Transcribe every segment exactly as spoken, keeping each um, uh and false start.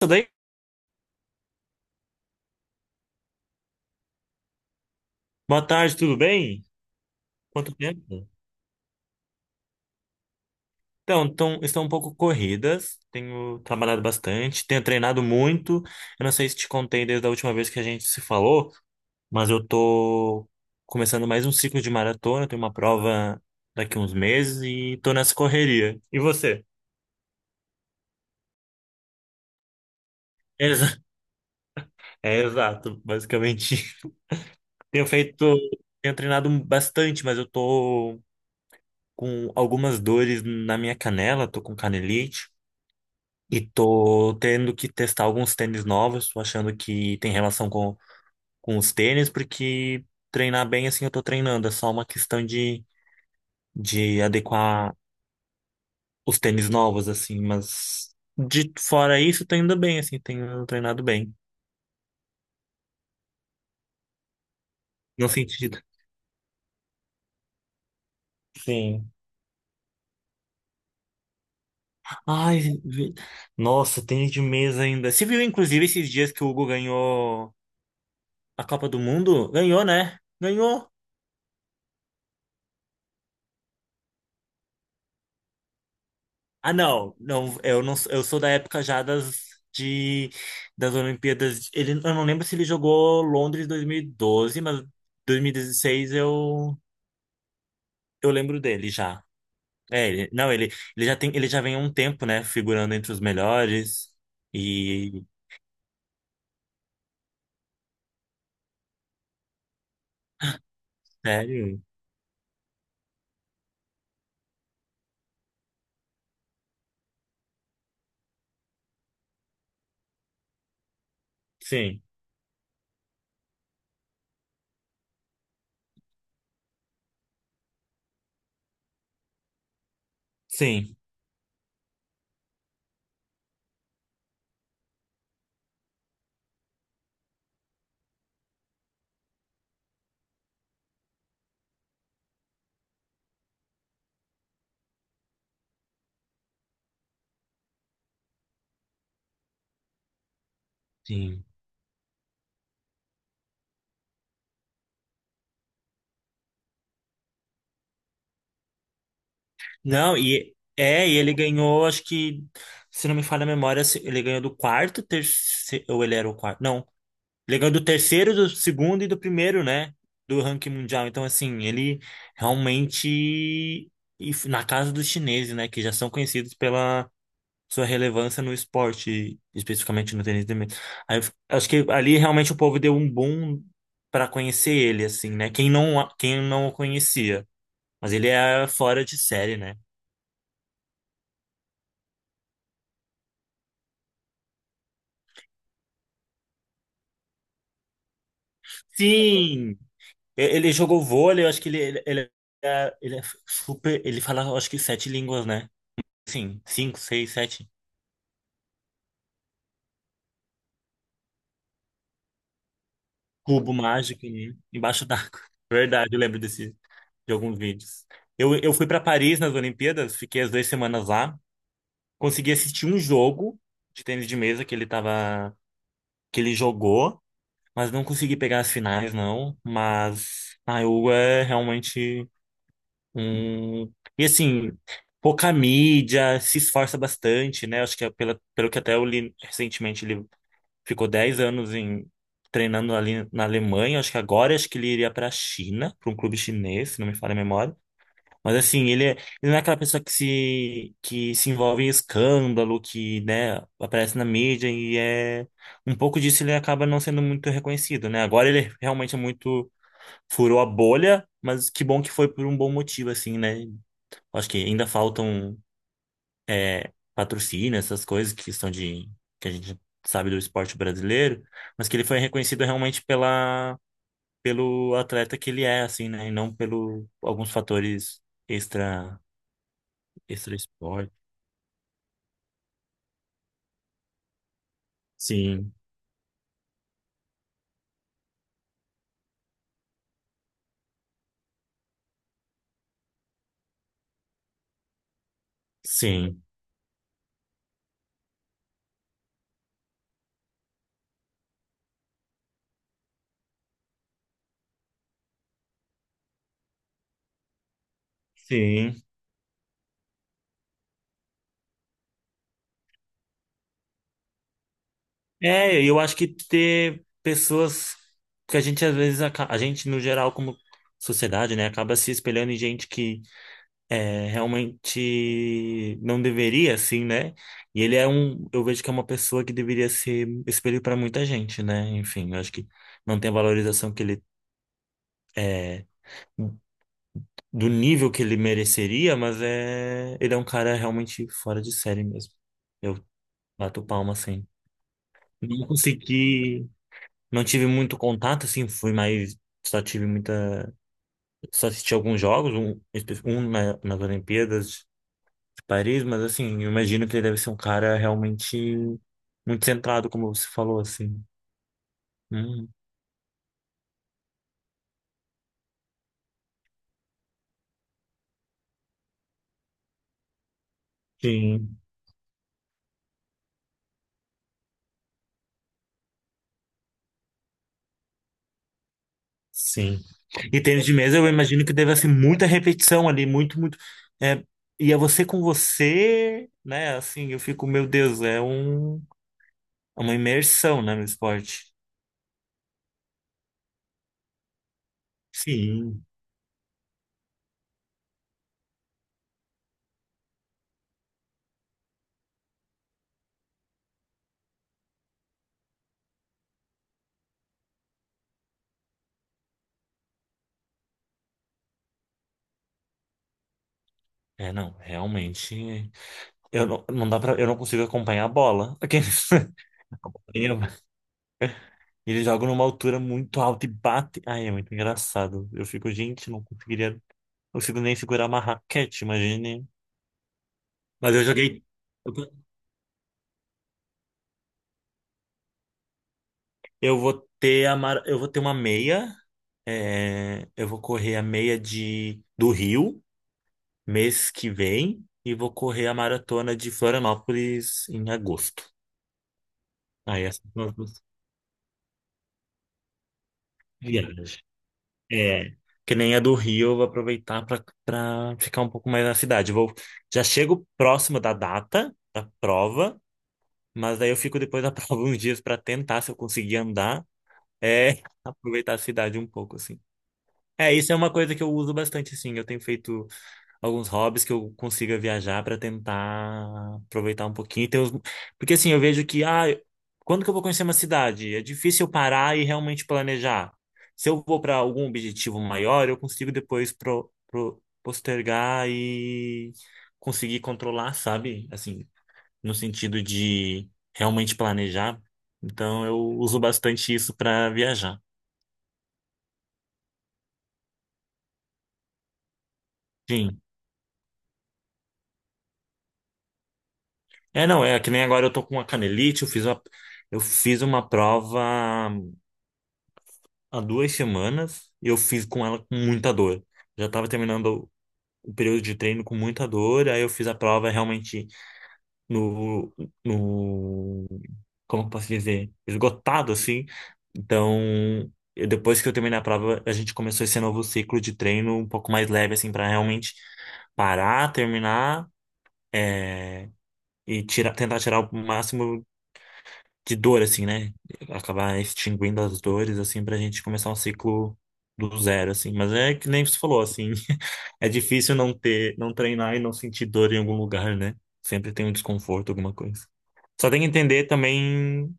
Tudo bem? Boa tarde, tudo bem? Quanto tempo? Então, então, estão um pouco corridas, tenho trabalhado bastante, tenho treinado muito. Eu não sei se te contei desde a última vez que a gente se falou, mas eu tô começando mais um ciclo de maratona, tenho uma prova daqui uns meses e tô nessa correria. E você? Exa- É exato, basicamente. Tenho feito, tenho treinado bastante, mas eu tô com algumas dores na minha canela, tô com canelite. E tô tendo que testar alguns tênis novos, tô achando que tem relação com, com os tênis, porque treinar bem assim eu tô treinando, é só uma questão de, de adequar os tênis novos, assim, mas de fora isso, tô indo bem, assim, tenho treinado bem, no sentido. Sim. Ai, vi- nossa, tênis de mesa ainda. Você viu, inclusive, esses dias que o Hugo ganhou a Copa do Mundo? Ganhou, né? Ganhou. Ah, não, não, eu não, eu sou da época já das de das Olimpíadas. Ele, eu não lembro se ele jogou Londres dois mil e doze, mas dois mil e dezesseis eu eu lembro dele já. É, ele, não, ele, ele já tem, ele já vem há um tempo, né, figurando entre os melhores. E sério? Sim. Sim. Sim. Não, e é, e ele ganhou, acho que se não me falha a memória, se- ele ganhou do quarto, terceiro, ou ele era o quarto? Não. Ele do terceiro, do segundo e do primeiro, né? Do ranking mundial. Então, assim, ele realmente. E f- na casa dos chineses, né? Que já são conhecidos pela sua relevância no esporte, especificamente no tênis de mesa. Aí, eu f- acho que ali realmente o povo deu um boom para conhecer ele, assim, né? Quem não, a- quem não o conhecia. Mas ele é fora de série, né? Sim! E- Ele jogou vôlei, eu acho que ele, ele, ele é, ele é super. Ele fala, eu acho que sete línguas, né? Sim, cinco, seis, sete. Cubo mágico, né? Embaixo d'água. Verdade, eu lembro desse, de alguns vídeos. Eu, eu fui para Paris nas Olimpíadas, fiquei as duas semanas lá, consegui assistir um jogo de tênis de mesa que ele tava, que ele jogou, mas não consegui pegar as finais, não. Mas a EU é realmente um. E assim, pouca mídia, se esforça bastante, né? Acho que é pela, pelo que até eu li recentemente, ele ficou dez anos em treinando ali na Alemanha. Acho que agora acho que ele iria para a China, para um clube chinês, se não me falha a memória. Mas assim, ele, é- ele não é aquela pessoa que se, que se envolve em escândalo, que, né, aparece na mídia e é um pouco disso ele acaba não sendo muito reconhecido, né? Agora ele realmente é muito furou a bolha, mas que bom que foi por um bom motivo assim, né? Acho que ainda faltam é, patrocina essas coisas que são de que a gente sabe do esporte brasileiro, mas que ele foi reconhecido realmente pela pelo atleta que ele é, assim, né? E não pelo alguns fatores extra extra esporte. Sim, sim, sim. É, eu acho que ter pessoas que a gente às vezes aca- a gente no geral como sociedade, né, acaba se espelhando em gente que é, realmente não deveria, assim, né? E ele é um, eu vejo que é uma pessoa que deveria ser espelho para muita gente, né? Enfim, eu acho que não tem a valorização que ele é do nível que ele mereceria, mas é, ele é um cara realmente fora de série mesmo. Eu bato palma assim. Não consegui, não tive muito contato, assim, fui mais, só tive muita, só assisti alguns jogos, um, espe- um na- nas Olimpíadas Paris, mas assim, eu imagino que ele deve ser um cara realmente muito centrado, como você falou, assim. Hum, sim, sim. E tênis de mesa, eu imagino que deve ser muita repetição ali, muito, muito. É, e é você com você, né? Assim, eu fico, meu Deus, é um, é uma imersão, né, no esporte. Sim. É, não, realmente. Eu não, não dá pra, eu não consigo acompanhar a bola. Aqueles- Eles jogam numa altura muito alta e bate, ai, é muito engraçado. Eu fico, gente, não conseguiria. Não consigo nem segurar uma raquete, imagine. Mas eu joguei. Eu vou ter a mar... eu vou ter uma meia. É, eu vou correr a meia de do Rio mês que vem e vou correr a maratona de Florianópolis em agosto. Aí essas são as minhas viagens. É, que nem a do Rio, eu vou aproveitar para para ficar um pouco mais na cidade. Eu vou, já chego próximo da data da prova, mas daí eu fico depois da prova uns dias para tentar, se eu conseguir andar, é, aproveitar a cidade um pouco, assim. É, isso é uma coisa que eu uso bastante, assim. Eu tenho feito alguns hobbies que eu consiga viajar para tentar aproveitar um pouquinho. e ter os- Porque assim, eu vejo que, ah, quando que eu vou conhecer uma cidade? É difícil eu parar e realmente planejar. Se eu vou para algum objetivo maior, eu consigo depois pro, pro- postergar e conseguir controlar, sabe? Assim, no sentido de realmente planejar. Então, eu uso bastante isso para viajar. Sim. É, não, é que nem agora eu tô com a canelite, eu fiz uma, eu fiz uma prova há duas semanas e eu fiz com ela com muita dor. Já estava terminando o período de treino com muita dor, aí eu fiz a prova realmente no, no, como eu posso dizer, esgotado assim. Então, eu- depois que eu terminei a prova, a gente começou esse novo ciclo de treino um pouco mais leve assim para realmente parar, terminar é, e tirar, tentar tirar o máximo de dor, assim, né? Acabar extinguindo as dores, assim, pra gente começar um ciclo do zero, assim. Mas é que nem você falou, assim, é difícil não ter, não treinar e não sentir dor em algum lugar, né? Sempre tem um desconforto, alguma coisa. Só tem que entender também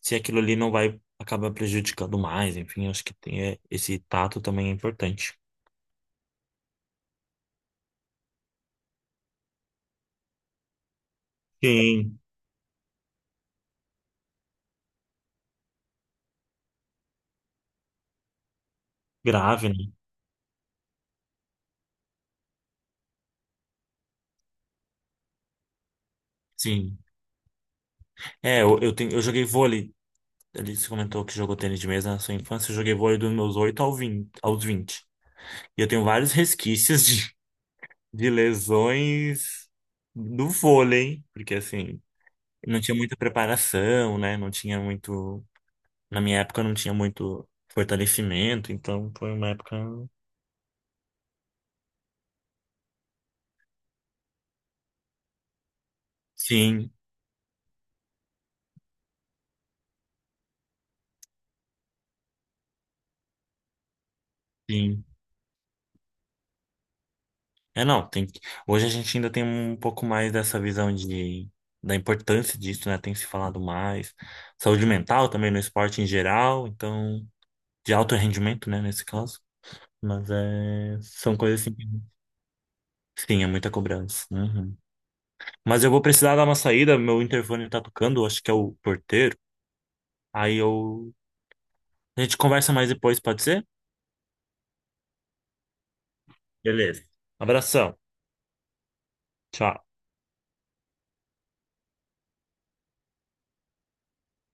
se aquilo ali não vai acabar prejudicando mais, enfim, acho que tem é, esse tato também é importante. Sim, grave, né? Sim. É, eu, eu, tenho, eu joguei vôlei. Ele se comentou que jogou tênis de mesa na sua infância. Eu joguei vôlei dos meus oito ao vinte, aos vinte. E eu tenho vários resquícios de, de lesões do vôlei, porque assim, não tinha muita preparação, né? Não tinha muito. Na minha época não tinha muito fortalecimento, então foi uma época. Sim, sim. É, não, tem que... Hoje a gente ainda tem um pouco mais dessa visão de, da importância disso, né? Tem se falado mais. Saúde mental também no esporte em geral, então, de alto rendimento, né, nesse caso. Mas é... são coisas assim. que- Sim, é muita cobrança. Uhum. Mas eu vou precisar dar uma saída, meu interfone tá tocando, acho que é o porteiro. Aí eu. A gente conversa mais depois, pode ser? Beleza. Abração. Tchau.